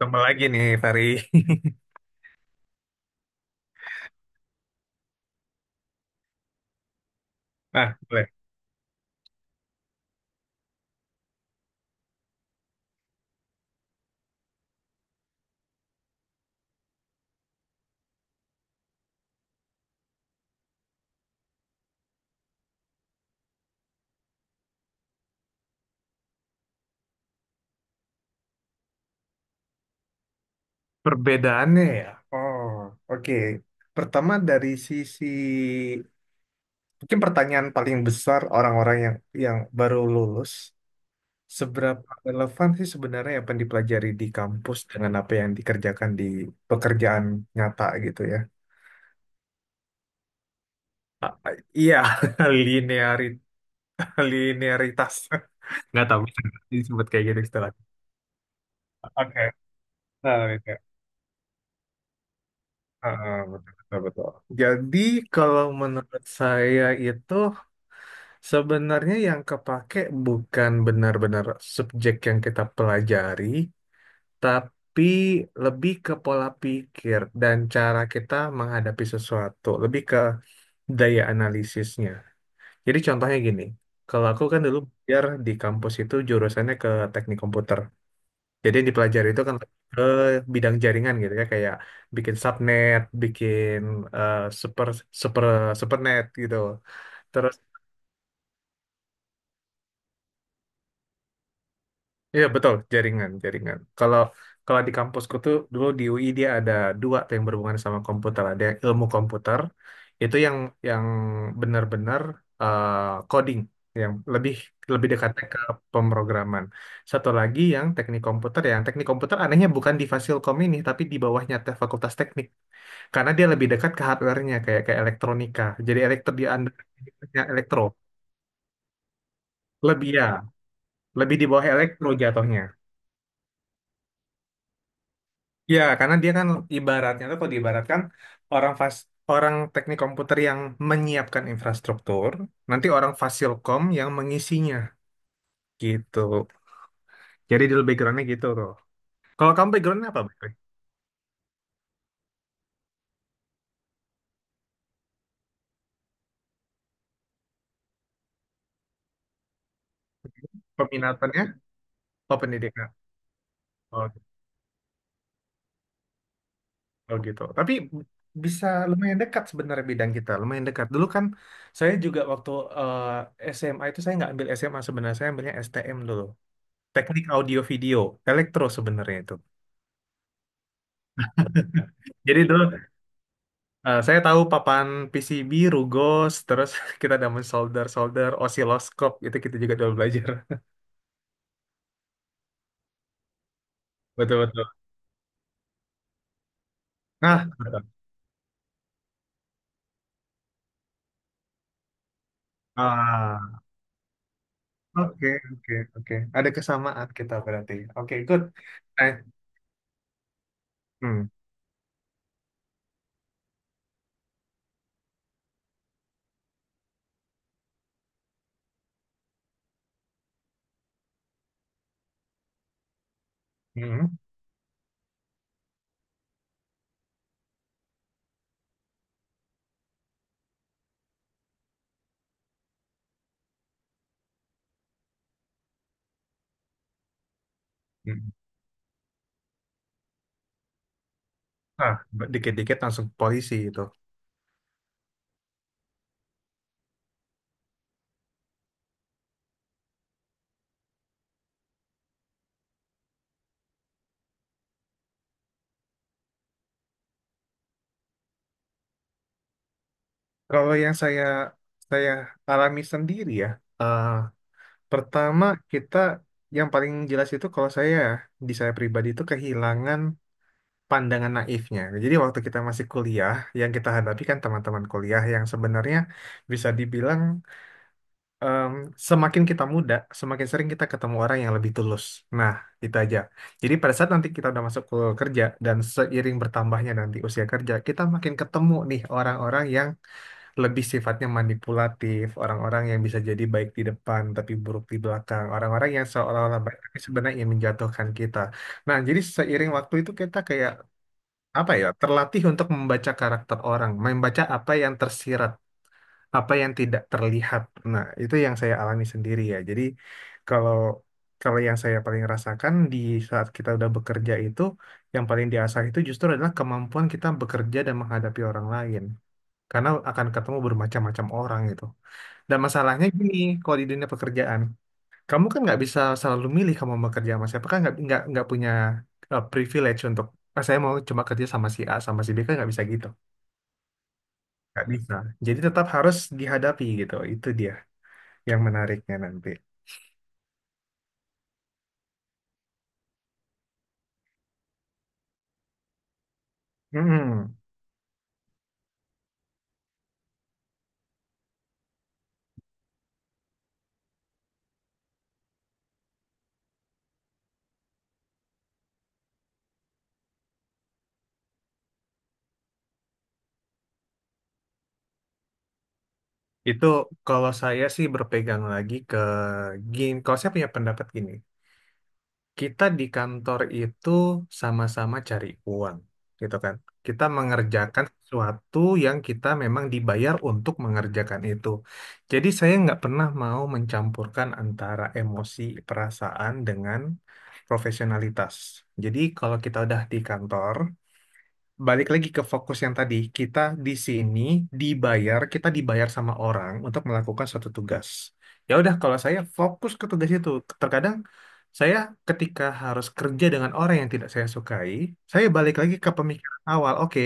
Tambah lagi nih, Fari. Nah, boleh. Perbedaannya ya. Oh, oke. Pertama dari sisi mungkin pertanyaan paling besar orang-orang yang baru lulus, seberapa relevan sih sebenarnya apa yang dipelajari di kampus dengan apa yang dikerjakan di pekerjaan nyata gitu ya? Ah, ah, Iya, linearit- linearitas. Nggak tahu bisa disebut kayak gitu istilahnya. Oke. Nah, oke. Ah, betul, betul, betul. Jadi kalau menurut saya itu sebenarnya yang kepake bukan benar-benar subjek yang kita pelajari, tapi lebih ke pola pikir dan cara kita menghadapi sesuatu, lebih ke daya analisisnya. Jadi contohnya gini, kalau aku kan dulu biar di kampus itu jurusannya ke teknik komputer. Jadi yang dipelajari itu kan lebih ke bidang jaringan gitu ya, kayak bikin subnet, bikin super super supernet gitu. Terus iya betul jaringan jaringan. Kalau kalau di kampusku tuh dulu di UI dia ada dua tuh yang berhubungan sama komputer. Ada yang ilmu komputer itu yang yang benar-benar eh, coding yang lebih lebih dekatnya ke pemrograman. Satu lagi yang teknik komputer anehnya bukan di Fasilkom ini, tapi di bawahnya Fakultas Teknik. Karena dia lebih dekat ke hardware-nya kayak kayak elektronika. Jadi elektro di under ya, elektro. Lebih ya, lebih di bawah elektro jatuhnya. Ya, karena dia kan ibaratnya tuh kalau diibaratkan orang fas orang teknik komputer yang menyiapkan infrastruktur, nanti orang fasilkom yang mengisinya gitu. Jadi di background-nya gitu tuh. Kalau kamu background-nya apa? Boy? Peminatannya? Oh, pendidikan. Oh, gitu. Oh gitu. Tapi bisa lumayan dekat sebenarnya bidang kita, lumayan dekat. Dulu kan saya juga waktu SMA itu saya nggak ambil SMA sebenarnya, saya ambilnya STM dulu. Teknik Audio Video, elektro sebenarnya itu. Jadi dulu saya tahu papan PCB, rugos, terus kita ada solder-solder, osiloskop, itu kita juga dulu belajar. Betul-betul. Nah, betul. Ah, oke, oke. Ada kesamaan kita berarti. Oke, good. Eh, hmm, hmm. hmm. Nah, dikit-dikit langsung ke polisi itu. Kalau yang saya saya alami sendiri ya, eh, pertama kita yang paling jelas itu kalau saya di saya pribadi itu kehilangan pandangan naifnya. Jadi waktu kita masih kuliah, yang kita hadapi kan teman-teman kuliah yang sebenarnya bisa dibilang em, semakin kita muda, semakin sering kita ketemu orang yang lebih tulus. Nah, itu aja. Jadi pada saat nanti kita udah masuk ke kerja dan seiring bertambahnya nanti usia kerja, kita makin ketemu nih orang-orang yang lebih sifatnya manipulatif, orang-orang yang bisa jadi baik di depan tapi buruk di belakang, orang-orang yang seolah-olah baik tapi sebenarnya ingin menjatuhkan kita. Nah, jadi seiring waktu itu kita kayak apa ya, terlatih untuk membaca karakter orang, membaca apa yang tersirat apa yang tidak terlihat. Nah, itu yang saya alami sendiri ya. Jadi kalau kalau yang saya paling rasakan di saat kita udah bekerja itu, yang paling diasah itu justru adalah kemampuan kita bekerja dan menghadapi orang lain. Karena akan ketemu bermacam-macam orang gitu. Dan masalahnya gini, kalau di dunia pekerjaan, kamu kan nggak bisa selalu milih kamu mau kerja sama siapa kan nggak punya privilege untuk "Ah, saya mau cuma kerja sama si A sama si B kan nggak bisa gitu, nggak bisa. Jadi tetap harus dihadapi gitu. Itu dia yang menariknya nanti. Hmm, itu kalau saya sih berpegang lagi ke gini, kalau saya punya pendapat gini, kita di kantor itu sama-sama cari uang, gitu kan. Kita mengerjakan sesuatu yang kita memang dibayar untuk mengerjakan itu. Jadi saya nggak pernah mau mencampurkan antara emosi, perasaan dengan profesionalitas. Jadi kalau kita udah di kantor, balik lagi ke fokus yang tadi, kita di sini dibayar, kita dibayar sama orang untuk melakukan suatu tugas. Ya udah, kalau saya fokus ke tugas itu, terkadang saya ketika harus kerja dengan orang yang tidak saya sukai, saya balik lagi ke pemikiran awal. Oke,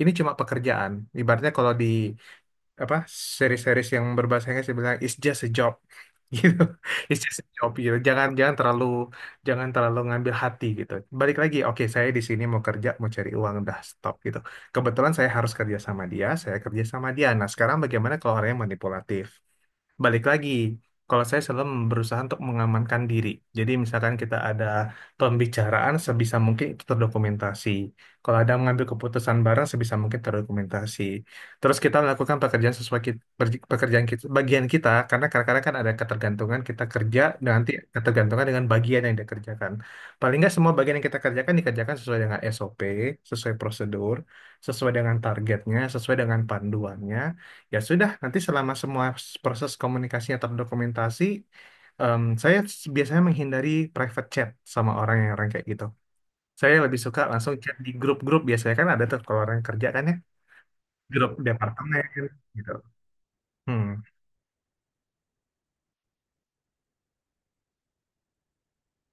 ini cuma pekerjaan. Ibaratnya kalau di apa series-series yang berbahasa Inggris dia bilang it's just a job gitu it's just a job gitu jangan jangan terlalu jangan terlalu ngambil hati gitu balik lagi oke saya di sini mau kerja mau cari uang udah stop gitu kebetulan saya harus kerja sama dia saya kerja sama dia nah sekarang bagaimana kalau orangnya manipulatif. Balik lagi, kalau saya selalu berusaha untuk mengamankan diri. Jadi misalkan kita ada pembicaraan sebisa mungkin itu terdokumentasi. Kalau ada mengambil keputusan bareng sebisa mungkin terdokumentasi. Terus kita melakukan pekerjaan sesuai pekerjaan kita, bagian kita karena kadang-kadang kan ada ketergantungan kita kerja dan nanti ketergantungan dengan bagian yang dikerjakan. Paling nggak semua bagian yang kita kerjakan dikerjakan sesuai dengan SOP, sesuai prosedur, sesuai dengan targetnya, sesuai dengan panduannya. Ya sudah, nanti selama semua proses komunikasinya terdokumentasi, saya biasanya menghindari private chat sama orang yang orang kayak gitu. Saya lebih suka langsung chat di grup-grup biasanya kan ada tuh kalau orang kerja kan ya, grup departemen gitu. Hmm.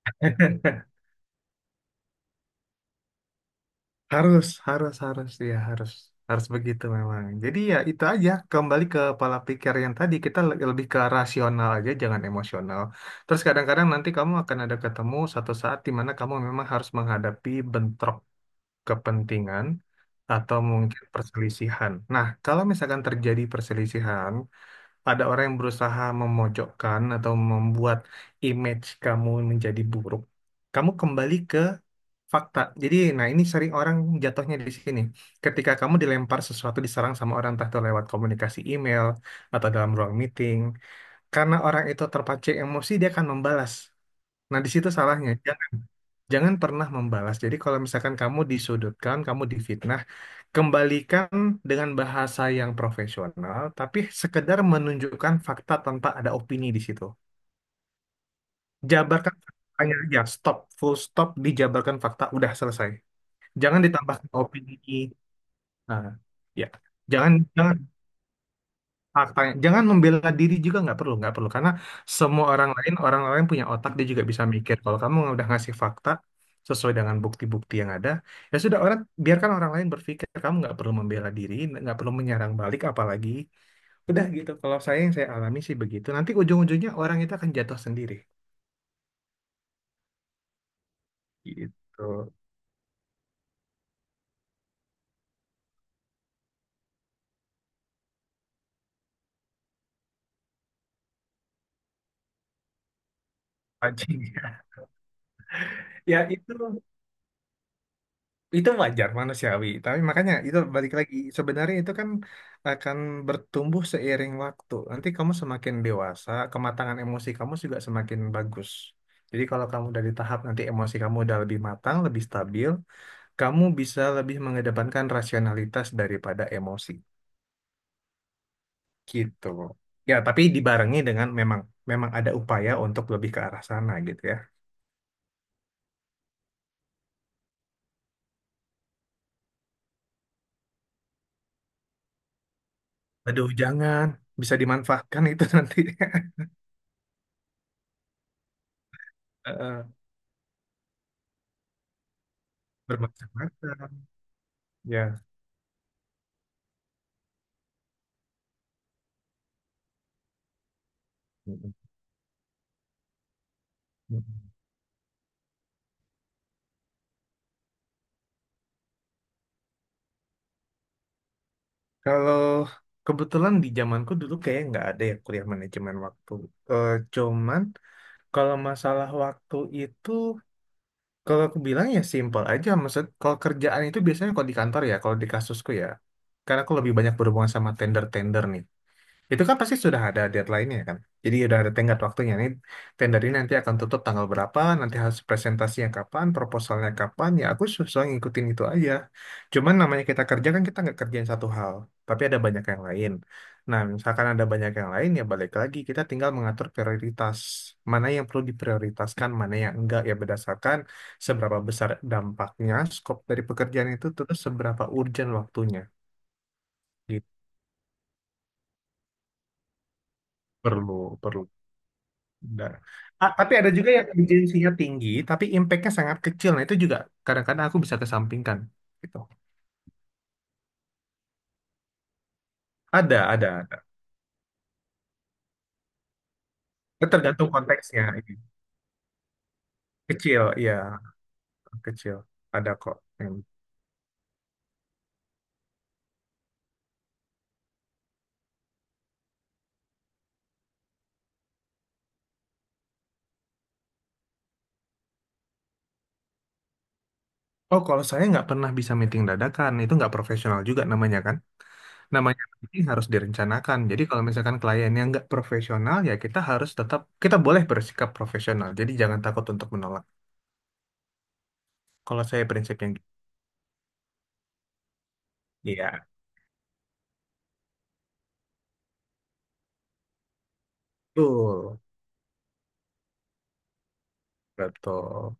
Harus, harus, harus, ya harus, harus begitu memang. Jadi ya itu aja, kembali ke pola pikir yang tadi kita lebih ke rasional aja, jangan emosional. Terus kadang-kadang nanti kamu akan ada ketemu satu saat di mana kamu memang harus menghadapi bentrok kepentingan atau mungkin perselisihan. Nah, kalau misalkan terjadi perselisihan, ada orang yang berusaha memojokkan atau membuat image kamu menjadi buruk, kamu kembali ke fakta. Jadi, nah ini sering orang jatuhnya di sini. Ketika kamu dilempar sesuatu, diserang sama orang entah itu lewat komunikasi email atau dalam ruang meeting, karena orang itu terpancing emosi, dia akan membalas. Nah, di situ salahnya. Jangan Jangan pernah membalas. Jadi kalau misalkan kamu disudutkan, kamu difitnah, kembalikan dengan bahasa yang profesional, tapi sekedar menunjukkan fakta tanpa ada opini di situ. Jabarkan faktanya aja, stop, full stop, dijabarkan fakta, udah selesai. Jangan ditambahkan opini. Nah, ya, jangan jangan faktanya, jangan membela diri juga nggak perlu karena semua orang lain punya otak dia juga bisa mikir. Kalau kamu udah ngasih fakta sesuai dengan bukti-bukti yang ada, ya sudah orang biarkan orang lain berpikir. Kamu nggak perlu membela diri, nggak perlu menyerang balik apalagi. Udah gitu. Kalau saya yang saya alami sih begitu. Nanti ujung-ujungnya orang itu akan jatuh sendiri. Gitu. Pancingnya. Ya itu wajar manusiawi. Tapi makanya itu balik lagi. Sebenarnya itu kan akan bertumbuh seiring waktu. Nanti kamu semakin dewasa, kematangan emosi kamu juga semakin bagus. Jadi kalau kamu dari tahap nanti emosi kamu udah lebih matang, lebih stabil, kamu bisa lebih mengedepankan rasionalitas daripada emosi. Gitu. Ya, tapi dibarengi dengan memang memang ada upaya untuk lebih ke arah sana gitu ya. Aduh, jangan bisa dimanfaatkan itu nanti. Eh, bermacam-macam. Ya. Mm-mm. Mm-mm. Kalau kebetulan di zamanku dulu kayak nggak ada ya kuliah manajemen waktu. Cuman kalau masalah waktu itu kalau aku bilang ya simpel aja. Maksud kalau kerjaan itu biasanya kalau di kantor ya, kalau di kasusku ya. Karena aku lebih banyak berhubungan sama tender-tender nih. Itu kan pasti sudah ada deadline-nya ya, kan. Jadi udah ada tenggat waktunya ini. Tender ini nanti akan tutup tanggal berapa, nanti harus presentasinya kapan, proposalnya kapan. Ya aku susah ngikutin itu aja. Cuman namanya kita kerja kan kita nggak kerjain satu hal, tapi ada banyak yang lain. Nah, misalkan ada banyak yang lain ya balik lagi kita tinggal mengatur prioritas. Mana yang perlu diprioritaskan, mana yang enggak ya berdasarkan seberapa besar dampaknya, skop dari pekerjaan itu terus seberapa urgent waktunya. Gitu. Perlu, perlu. Benar. Ah, tapi ada juga yang urgensinya tinggi, tapi impact-nya sangat kecil. Nah, itu juga kadang-kadang aku bisa kesampingkan. Gitu. Ada, ada. Itu tergantung konteksnya. Ini. Kecil, iya. Kecil. Ada kok. Yang- Oh, kalau saya nggak pernah bisa meeting dadakan, itu nggak profesional juga namanya kan. Namanya meeting harus direncanakan. Jadi kalau misalkan kliennya nggak profesional, ya kita harus tetap, kita boleh bersikap profesional. Jadi jangan takut untuk menolak. Kalau saya prinsipnya gitu. Iya, betul. Betul.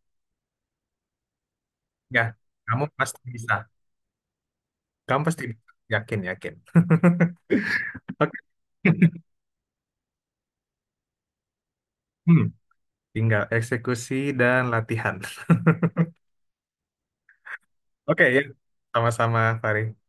Ya, kamu pasti bisa. Kamu pasti bisa. Yakin, yakin. Oke. Hmm, tinggal eksekusi dan latihan. Oke, ya. Sama-sama, Fari.